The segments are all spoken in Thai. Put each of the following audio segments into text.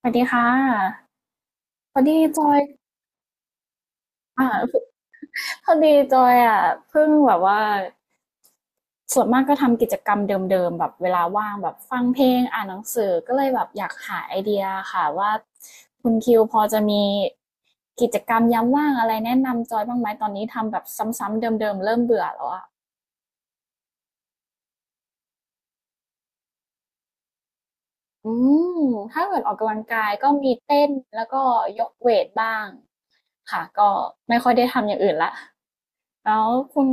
สวัสดีค่ะพอดีจอยอ่าพอดีจอยอ่ะเพิ่งแบบว่าส่วนมากก็ทำกิจกรรมเดิมๆแบบเวลาว่างแบบฟังเพลงอ่านหนังสือก็เลยแบบอยากหาไอเดียค่ะว่าคุณคิวพอจะมีกิจกรรมยามว่างอะไรแนะนำจอยบ้างไหมตอนนี้ทำแบบซ้ำๆเดิมๆเริ่มเบื่อแล้วอ่ะอืมถ้าเกิดออกกำลังกายก็มีเต้นแล้วก็ยกเวทบ้างค่ะก็ไม่ค่อยได้ทำอย่างอื่นละแล้วคุณ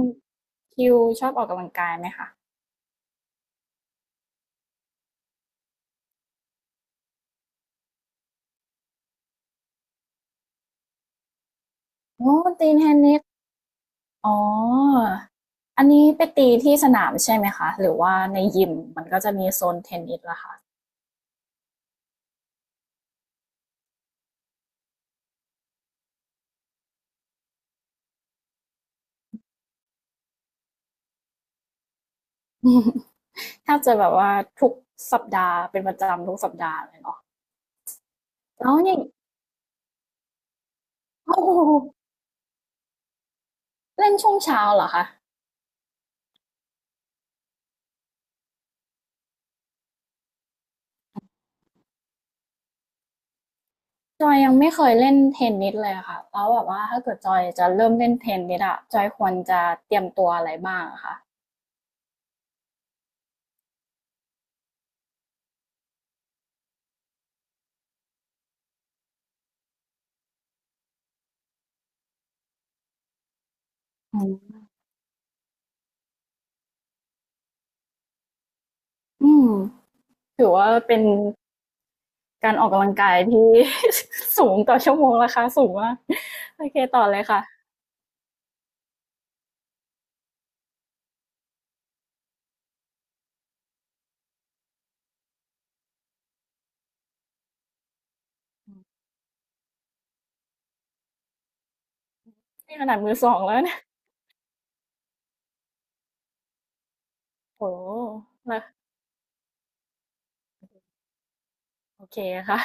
คิวชอบออกกำลังกายไหมคะ อ๋อตีเทนนิสอ๋ออันนี้ไปตีที่สนามใช่ไหมคะหรือว่าในยิมมันก็จะมีโซนเทนนิสล่ะค่ะ แทบจะแบบว่าทุกสัปดาห์เป็นประจำทุกสัปดาห์เลยเนาะแล้วนี่โอ้โหเล่นช่วงเช้าเหรอคะจอยยังไม่เคยเล่นเทนนิสเลยอะค่ะแล้วแบบว่าถ้าเกิดจอยจะเริ่มเล่นเทนนิสอะจอยควรจะเตรียมตัวอะไรบ้างอะคะอืมอืมถือว่าเป็น การออกกำลังกายที่ สูงต่อชั่วโมงราคาสูงมากโอเคต่อเลยค่ะนี่ขนาดมือสองแล้วเนี่ยโอ้แล้วโอเคค่ะ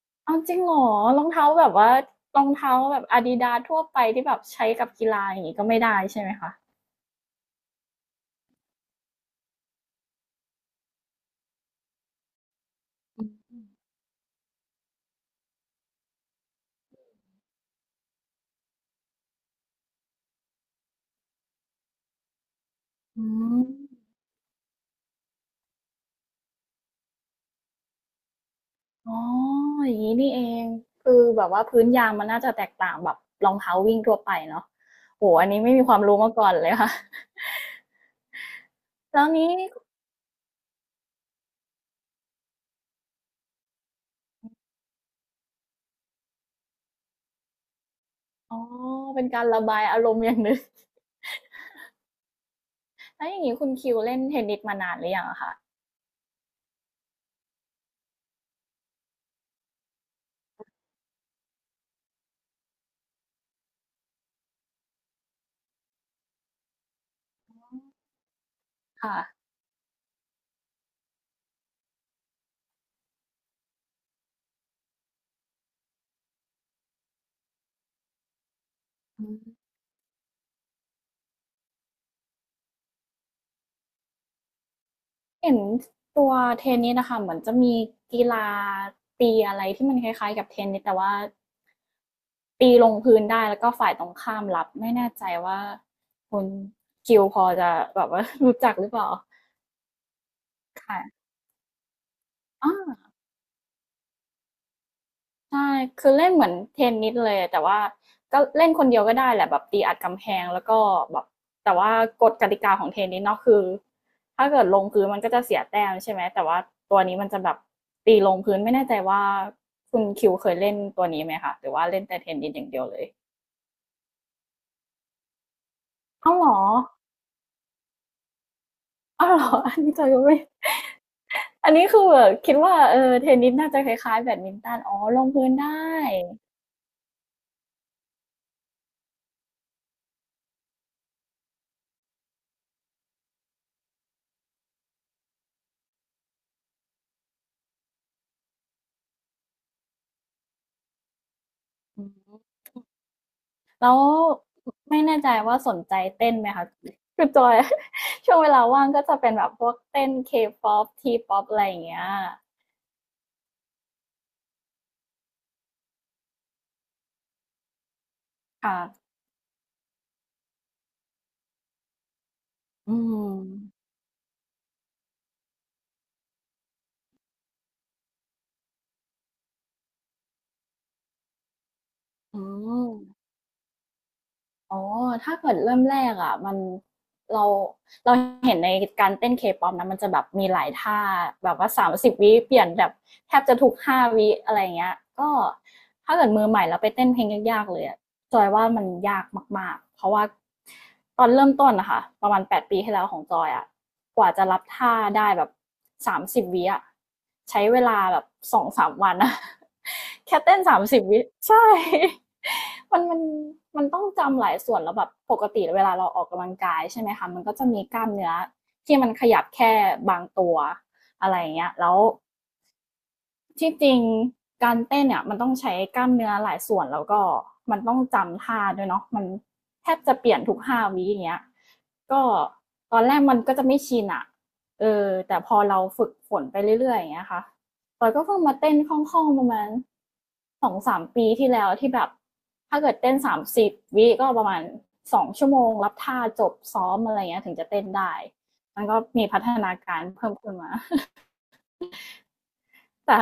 เอาจริงเหรอรองเท้าแบบว่ารองเท้าแบบอาดิดาสทั่วไปที่แบบใช้กับกีฬาอย่างนี้ก็ไม่ได้ใช่ไหมคะอืมอ๋ออย่างนี้นี่เองคือแบบว่าพื้นยางมันน่าจะแตกต่างแบบรองเท้าวิ่งทั่วไปเนาะโอ้อันนี้ไม่มีความรู้มาก่อนเลยค่ะ แล้วนี้อ๋อเป็นการระบายอารมณ์อย่างหนึ่ง แล้วอย่างนี้คุณคิวเล่นเทนนิสมานานหรือยังอะคะค่ะ เห็นตัวเทนนิสนะคะเหมือนจะมีกีฬาตีอะไรที่มันคล้ายๆกับเทนนิสแต่ว่าตีลงพื้นได้แล้วก็ฝ่ายตรงข้ามรับไม่แน่ใจว่าคุณคิวพอจะแบบว่า รู้จักหรือเปล่า ค่ะอ๋อ ใช่ คือเล่นเหมือนเทนนิสเลย แต่ว่าก็เล่นคนเดียวก็ได้แหละแบบตีอัดกำแพงแล้วก็แบบแต่ว่ากฎกติกาของเทนนิสเนาะคือถ้าเกิดลงพื้นมันก็จะเสียแต้มใช่ไหม แต่ว่าตัวนี้มันจะแบบตีลงพื้นไม่แน่ใจว่าคุณคิวเคยเล่นตัวนี้ไหมคะหรือว่าเล่นแต่เทนนิสอย่างเดียวเลยอ้าวเหรออ้าวเหรอ อันนี้จอยก็ไม่อันนี้คือแบบคิดว่าเออเทนนิสน่าจะคล้ายๆแบดมินตันอ๋อลงพื้นได้อืม แล้วไม่แน่ใจว่าสนใจเต้นไหมคะคือจอย ช่วงเวลาว่างก็จะเป็นแบบพวกเต้นเคป๊อปทีป๊อปอะไรอย่างเงี้ยค่ะอืมอืมอ๋อถ้าเกิดเริ่มแรกอ่ะมันเราเราเห็นในการเต้นเคป๊อปนะมันจะแบบมีหลายท่าแบบว่าสามสิบวิเปลี่ยนแบบแทบจะทุกห้าวิอะไรเงี้ยก็ถ้าเกิดมือใหม่เราไปเต้นเพลงยากๆเลยอะ จอยว่ามันยากมากๆเพราะว่าตอนเริ่มต้นนะคะประมาณ8 ปีที่แล้วของจอยอะกว่าจะรับท่าได้แบบสามสิบวิอะใช้เวลาแบบ2-3 วันอะ แค่เต้น30 วิใช่มันมันมันต้องจำหลายส่วนแล้วแบบปกติเวลาเราออกกำลังกายใช่ไหมคะมันก็จะมีกล้ามเนื้อที่มันขยับแค่บางตัวอะไรอย่างเงี้ยแล้ว ที่จริงการเต้นเนี่ยมันต้องใช้กล้ามเนื้อหลายส่วนแล้วก็มันต้องจำท่าด้วยเนาะมันแทบจะเปลี่ยนทุกห้าวิอย่างเงี้ยก็ตอนแรกมันก็จะไม่ชินอะเออแต่พอเราฝึกฝนไปเรื่อยๆอย่างเงี้ยค่ะตอนก็เพิ่งมาเต้นคล่องๆประมาณ2 ถึง 3 ปีที่แล้วที่แบบถ้าเกิดเต้นสามสิบวิก็ประมาณ2 ชั่วโมงรับท่าจบซ้อมอะไรเงี้ยถึงจะเต้นได้มันก็มีพัฒนาการเพิ่มขึ้นมา แต่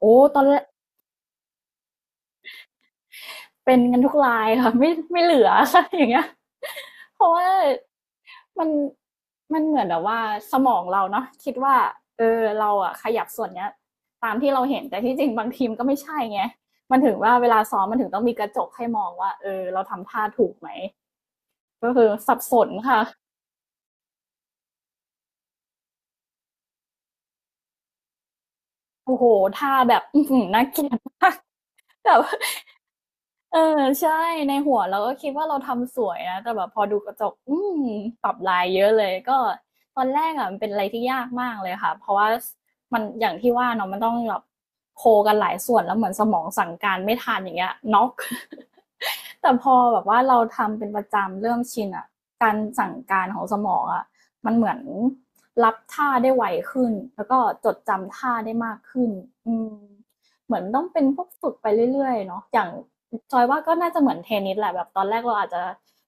โอ้ตอนแรก เป็นกันทุกรายค่ะ ไม่เหลือ ค่ะอย่างเงี้ยเพราะว่ามันมันเหมือนแบบว่าสมองเราเนาะคิดว่าเออเราอะขยับส่วนเนี้ยตามที่เราเห็นแต่ที่จริงบางทีมก็ไม่ใช่ไงมันถึงว่าเวลาซ้อมมันถึงต้องมีกระจกให้มองว่าเออเราทำท่าถูกไหมก็คือสับสนค่ะโอ้โหท่าแบบน่าเกลียดมาก แต่ว่า เออใช่ในหัวเราก็คิดว่าเราทำสวยนะแต่แบบพอดูกระจกอืมปรับลายเยอะเลยก็ตอนแรกอะมันเป็นอะไรที่ยากมากเลยค่ะเพราะว่ามันอย่างที่ว่าเนาะมันต้องแบบโคกันหลายส่วนแล้วเหมือนสมองสั่งการไม่ทันอย่างเงี้ยน็อก แต่พอแบบว่าเราทำเป็นประจำเริ่มชินอะการสั่งการของสมองอะมันเหมือนรับท่าได้ไวขึ้นแล้วก็จดจำท่าได้มากขึ้นอืม เหมือนต้องเป็นพวกฝึกไปเรื่อยๆเนาะอย่างจอยว่าก็น่าจะเหมือนเทนนิสแหละแบบตอนแรกเราอาจจะ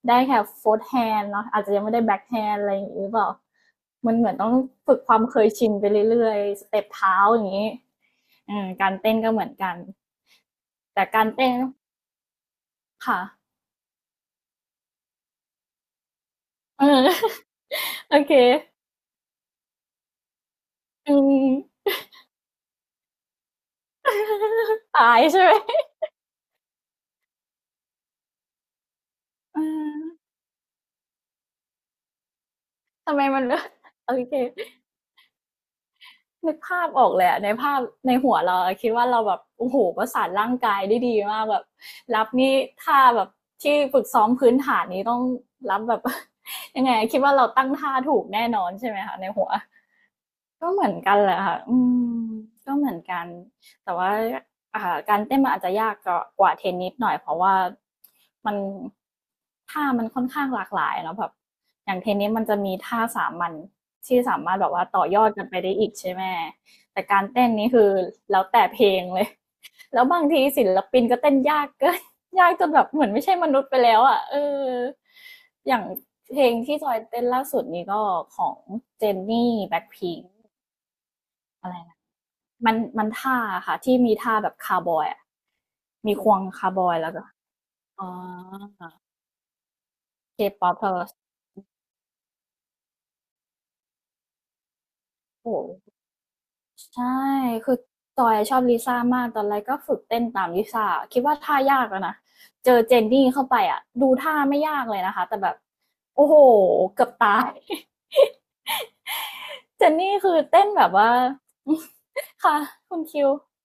ได้แค่โฟร์ธแฮนด์เนาะอาจจะยังไม่ได้แบ็คแฮนด์อะไรอย่างนี้หรือเปล่ามันเหมือนต้องฝึกความเคยชินไปเรื่อยๆสเต็ปเท้าอย่างนี้การเต้นก็เหมือนกัน แต่การเต้นค่ะเออ โอเคอืม ตายใช่ไหม อืมทำไมมันเลือกโอเค นึกภาพออกเลยอะในภาพในหัวเราคิดว่าเราแบบโอ้โหประสานร่างกายได้ดีมากแบบรับนี่ท่าแบบที่ฝึกซ้อมพื้นฐานนี้ต้องรับแบบ ยังไงคิดว่าเราตั้งท่าถูกแน่นอนใช่ไหมคะในหัว ก็เหมือนกันแหละค่ะอืมก็เหมือนกันแต่ว่าการเต้นมันอาจจะยากกว่าเทนนิสหน่อยเพราะว่ามันท่ามันค่อนข้างหลากหลายเนาะแบบอย่างเทนนิสมันจะมีท่าสามัญที่สามารถแบบว่าต่อยอดกันไปได้อีกใช่ไหมแต่การเต้นนี่คือแล้วแต่เพลงเลย แล้วบางทีศิลปินก็เต้นยากเกิน ยากจนแบบเหมือนไม่ใช่มนุษย์ไปแล้วอะเอออย่างเพลงที่จอยเต้นล่าสุดนี้ก็ของเจนนี่แบ็คพิง อะไรนะมันท่าค่ะที่มีท่าแบบคาร์บอยอะมีควงคาร์บอยแล้วก็อ๋อเคป๊อปเธอโอ้โหใช่ คือจอยชอบลิซ่ามากตอนแรกก็ฝึกเต้นตามลิซ่าคิดว่าท่ายากแล้วนะ เจอเจนนี่เข้าไปอ่ะดูท่าไม่ยากเลยนะคะแต่แบบโอ้โหเกือบตาย เจนนี่คือเต้นแบบว่า ค่ะคุณคิว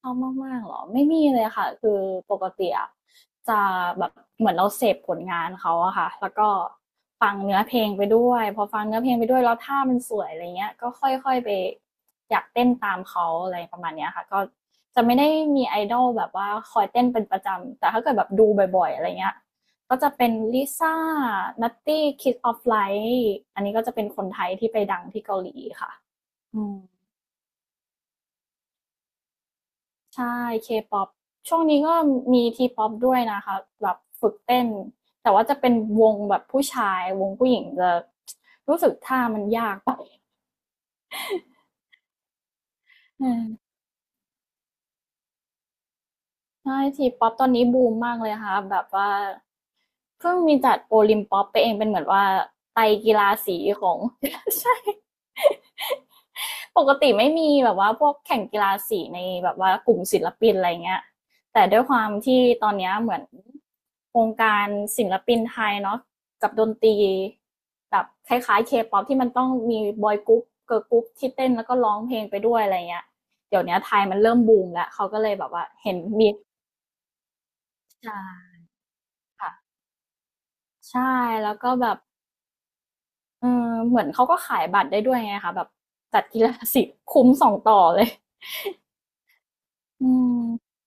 ชอบมากๆเหรอไม่มีเลยค่ะคือปกติอะจะแบบเหมือนเราเสพผลงานเขาอะค่ะแล้วก็ฟังเนื้อเพลงไปด้วยพอฟังเนื้อเพลงไปด้วยแล้วท่ามันสวยอะไรเงี้ยก็ค่อยๆไปอยากเต้นตามเขาอะไรประมาณเนี้ยค่ะก็จะไม่ได้มี idol แบบว่าคอยเต้นเป็นประจำแต่ถ้าเกิดแบบดูบ่อยๆอะไรเงี้ยก็จะเป็น Lisa n ั t t ี k i ิ s of Light อันนี้ก็จะเป็นคนไทยที่ไปดังที่เกาหลีค่ะอืม ใช่ K-pop ช่วงนี้ก็มี T-pop ด้วยนะคะแบบฝึกเต้นแต่ว่าจะเป็นวงแบบผู้ชายวงผู้หญิงจะรู้สึกท่ามันยากไปอืมใช่ T-pop ตอนนี้บูมมากเลยค่ะแบบว่าเพิ่งมีจัดโอลิมป๊อปไปเองเป็นเหมือนว่าไตรกีฬาสีของ ใช่ ปกติไม่มีแบบว่าพวกแข่งกีฬาสีในแบบว่ากลุ่มศิลปินอะไรเงี้ยแต่ด้วยความที่ตอนนี้เหมือนวงการศิลปินไทยเนาะกับดนตรีแบบคล้ายๆเคป๊อปที่มันต้องมีบอยกรุ๊ปเกิร์ลกรุ๊ปที่เต้นแล้วก็ร้องเพลงไปด้วยอะไรเงี้ยเดี๋ยวนี้ไทยมันเริ่มบูมแล้วเขาก็เลยแบบว่าเห็นมีค่ะใช่แล้วก็แบบเออเหมือนเขาก็ขายบัตรได้ด้วยไงคะแบบจัดกีฬาสีคุ้มสองต่อเลยอืม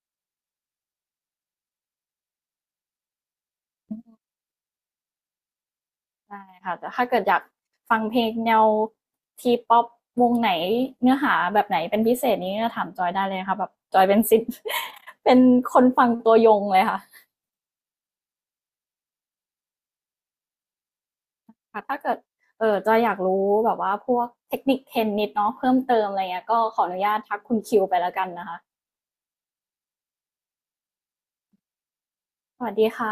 ได้ค่ะ แต่ถ้าเกิดอยากฟังเพลงแนวทีป๊อปวงไหนเนื้อหาแบบไหนเป็นพิเศษนี้ก็ถามจอยได้เลยค่ะแบบจอยเป็นสิษย์ เป็นคนฟังตัวยงเลยค่ะ ถ้าเกิดเออจอยอยากรู้แบบว่าพวกเทคนิคเทนนิดเนาะเพิ่มเติมอะไรเงี้ยก็ขออนุญาตทักคุณคิวไปแล้วกันนะคะ สวัสดีค่ะ